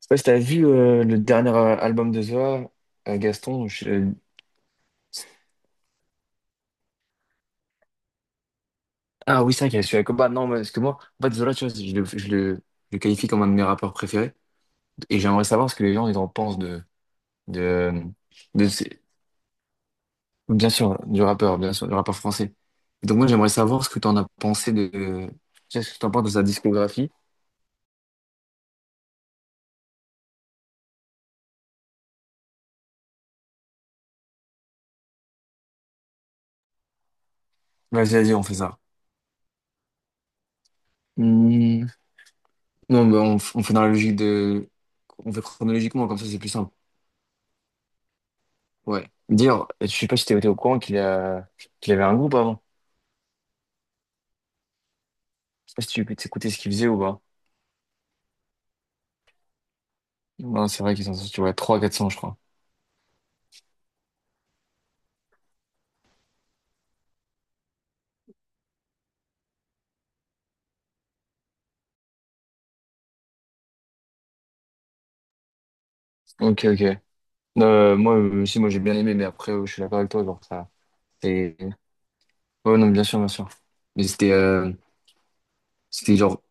Je sais pas si t'as vu le dernier album de Zola, Gaston. Ah oui, c'est vrai qu'il y a celui avec Koba. Non, mais parce que moi, en fait, Zola, tu vois, je le qualifie comme un de mes rappeurs préférés. Et j'aimerais savoir ce que les gens ils en pensent de, de ces- bien sûr, du rappeur, bien sûr, du rappeur français. Donc moi, j'aimerais savoir ce que tu en as pensé de, tu sais, ce que t'en penses de sa discographie. Vas-y, vas-y, on fait ça. Hmm. Non, mais on fait dans la logique de, on fait chronologiquement, comme ça, c'est plus simple. Ouais. Dire, je sais pas si t'étais au courant qu'il avait un groupe avant. Je sais pas si tu écoutais ce qu'il faisait ou pas. Non, c'est vrai qu'ils sont sortis, ouais, trois quatre cents je crois. Ok, ok. Moi aussi, moi j'ai bien aimé, mais après, je suis d'accord avec toi, genre, ça, c'est... Ouais, non, bien sûr, bien sûr. Mais c'était genre,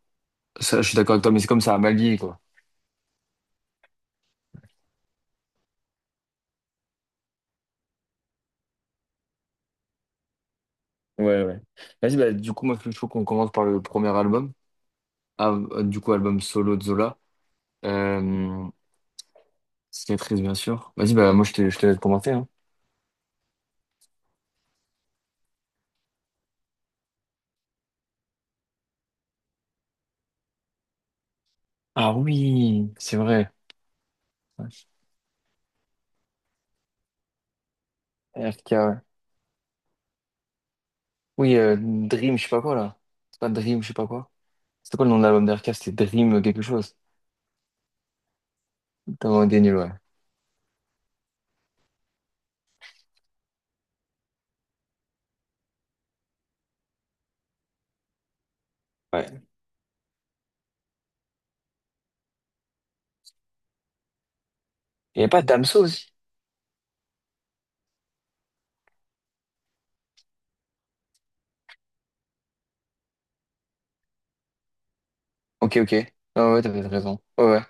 ça, je suis d'accord avec toi, mais c'est comme ça, à mal vieilli, quoi. Ouais, ouais. Vas-y, bah, du coup, moi, je trouve qu'on commence par le premier album. Ah, du coup, album solo de Zola. Euh, cicatrice, bien sûr. Vas-y, bah, moi, je te laisse commencer, hein. Ah oui, c'est vrai. RK, ouais. Oui, Dream, je sais pas quoi, là. C'est pas Dream, je sais pas quoi. C'était quoi le nom de l'album d'RK? C'était Dream quelque chose. T'as des nuls, ouais. Ouais. Il n'y a pas Damso aussi? Ok, ok. Ah ouais, t'as peut-être raison. Ouais, ouais.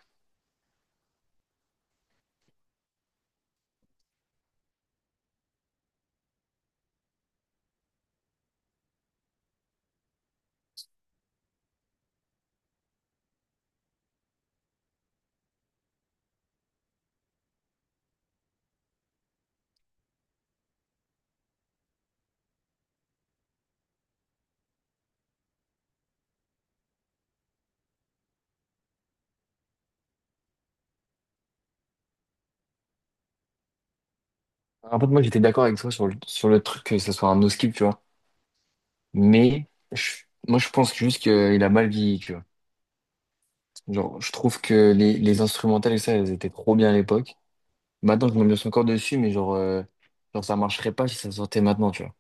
En fait, moi, j'étais d'accord avec toi sur sur le truc que ce soit un no-skip, tu vois. Moi, je pense juste qu'il a mal vieilli, tu vois. Genre, je trouve que les instrumentales et ça, elles étaient trop bien à l'époque. Maintenant, je me suis encore dessus, mais genre, ça marcherait pas si ça sortait maintenant, tu vois.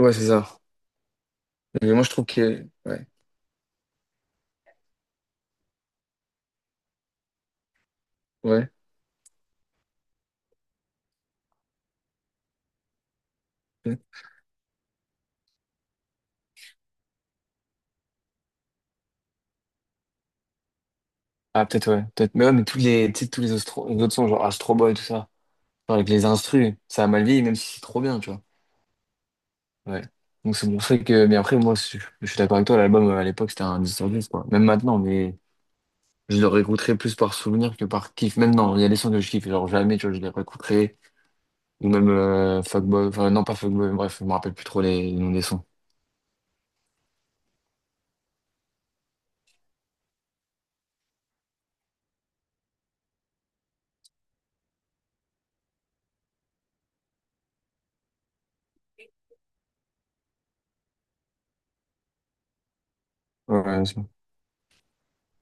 Ouais, c'est ça. Mais moi, je trouve que... Ouais. Ouais. Ah, peut-être, ouais. Peut-être. Mais ouais, mais tous les, tu sais, les autres sons, genre Astro Boy, tout ça. Genre avec les instrus, ça a mal vieilli, même si c'est trop bien, tu vois. Ouais. Donc c'est pour ça que. Mais après, je suis d'accord avec toi, l'album à l'époque, c'était un 10 sur 10, quoi. Même maintenant, mais je le réécouterai plus par souvenir que par kiff. Même non, il y a des sons que je kiffe, genre jamais, tu vois, je les réécouterai. Ou même Fuckboy, enfin, non, pas Fuckboy, bref, je me rappelle plus trop les noms des sons. Ouais, ouais, c'est bon.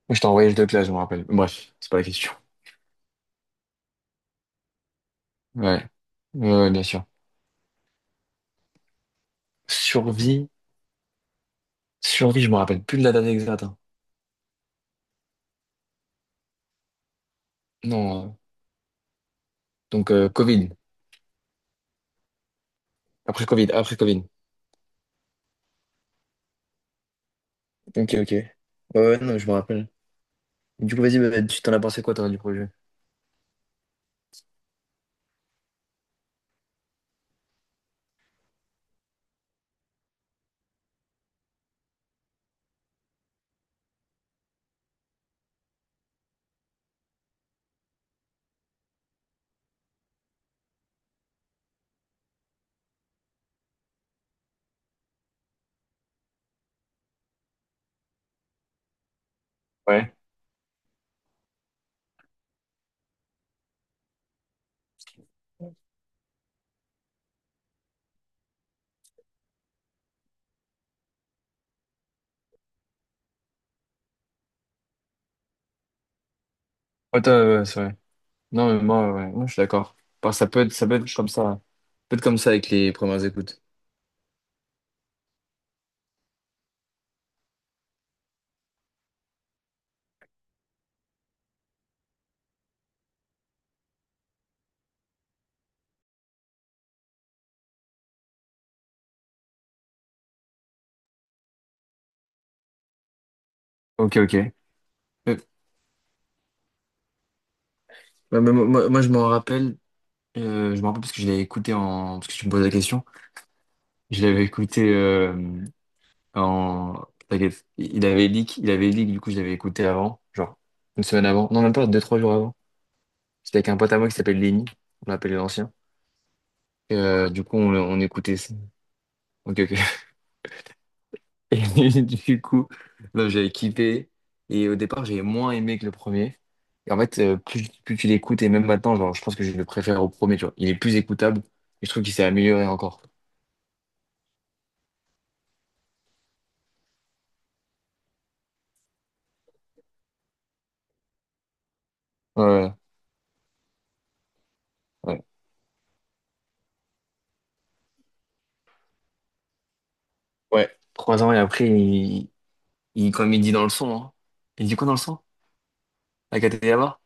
Moi, je t'ai envoyé de classe, je me rappelle. Bref, c'est pas la question. Ouais. Ouais, ouais, bien sûr. Survie. Survie, je me rappelle plus de la date exacte, hein. Non, donc Covid. Après Covid, après Covid. Ok, ok. Ouais, ouais, non, je me rappelle. Du coup, vas-y, bah, tu t'en as pensé quoi, toi, du projet? Ouais. Ouais, toi, ouais, c'est vrai. Non, mais moi, ouais, moi, je suis d'accord. Parce que ça peut être comme ça. Ça peut être comme ça avec les premières écoutes. Ok, ok. Euh, moi, je m'en rappelle. Je m'en rappelle parce que je l'avais écouté en. Parce que tu me poses la question. Je l'avais écouté en. T'inquiète. Il avait leak, du coup, je l'avais écouté avant. Genre, une semaine avant. Non, même pas, deux, trois jours avant. C'était avec un pote à moi qui s'appelle Lenny, on l'appelait l'ancien. Et, du coup, on écoutait ça. Ok, ok. Et du coup, non, j'avais kiffé. Et au départ, j'avais moins aimé que le premier. Et en fait, plus tu l'écoutes, et même maintenant, genre, je pense que je le préfère au premier, tu vois. Il est plus écoutable. Et je trouve qu'il s'est amélioré encore. Ouais, ouais. Ouais. Ouais, trois ans et après, comme il dit dans le son, hein. Il dit quoi dans le son? La Katayama?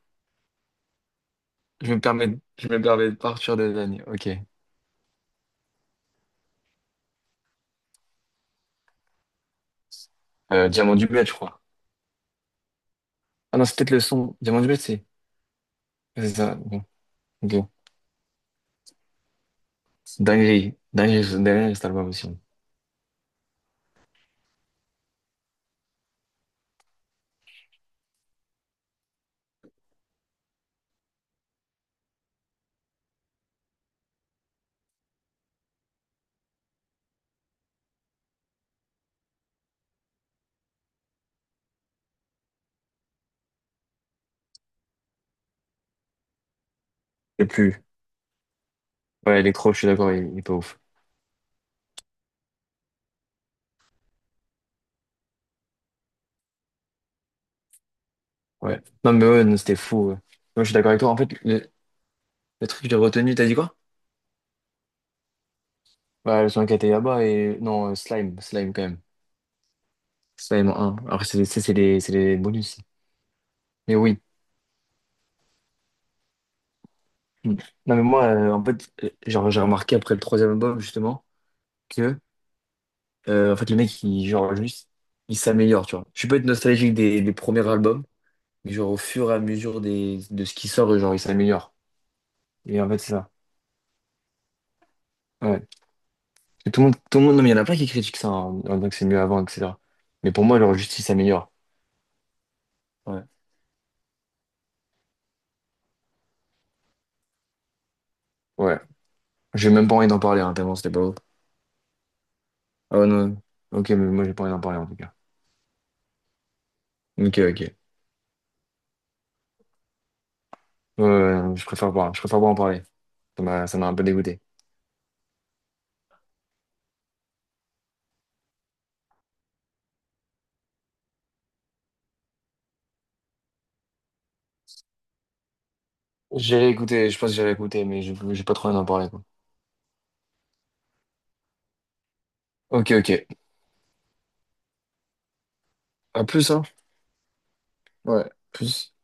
Je me permets de partir de l'année. Ok. Diamant du Bled, je crois. Ah non, c'est peut-être le son. Diamant du Bled, c'est. C'est ça. Bon, ok. Dinguerie. Dinguerie, cet album aussi. Et plus. Ouais, Electro, je suis d'accord, il est pas ouf. Ouais. Non, mais ouais, non, c'était fou, ouais. Moi, je suis d'accord avec toi. En fait, le truc que j'ai retenu, t'as dit quoi? Bah, le son qui était là-bas et. Non, Slime. Slime, quand même. Slime en un. Alors, c'est les bonus. Mais oui. Mm. Non, mais moi, genre, j'ai remarqué après le troisième album, justement, que, en fait, le mec, juste, il s'améliore, tu vois. Je peux être nostalgique des premiers albums. Et genre, au fur et à mesure de ce qui sort, genre, il s'améliore. Et en fait, c'est ça. Ouais. Et tout le monde, non, mais il y en a plein qui critiquent ça en disant que c'est mieux avant, etc. Mais pour moi, genre, juste, il s'améliore. Ouais. Ouais. J'ai même pas envie d'en parler, hein, tellement c'était pas beau. Ah ouais, non. Ok, mais moi, j'ai pas envie d'en parler, en tout cas. Ok, ok. Ouais, ouais, non, je préfère pas en parler. Ça m'a un peu dégoûté. J'ai écouté, je pense que j'ai écouté, mais j'ai pas trop envie d'en parler, quoi. Ok, ok. À plus, hein. Ouais. Plus.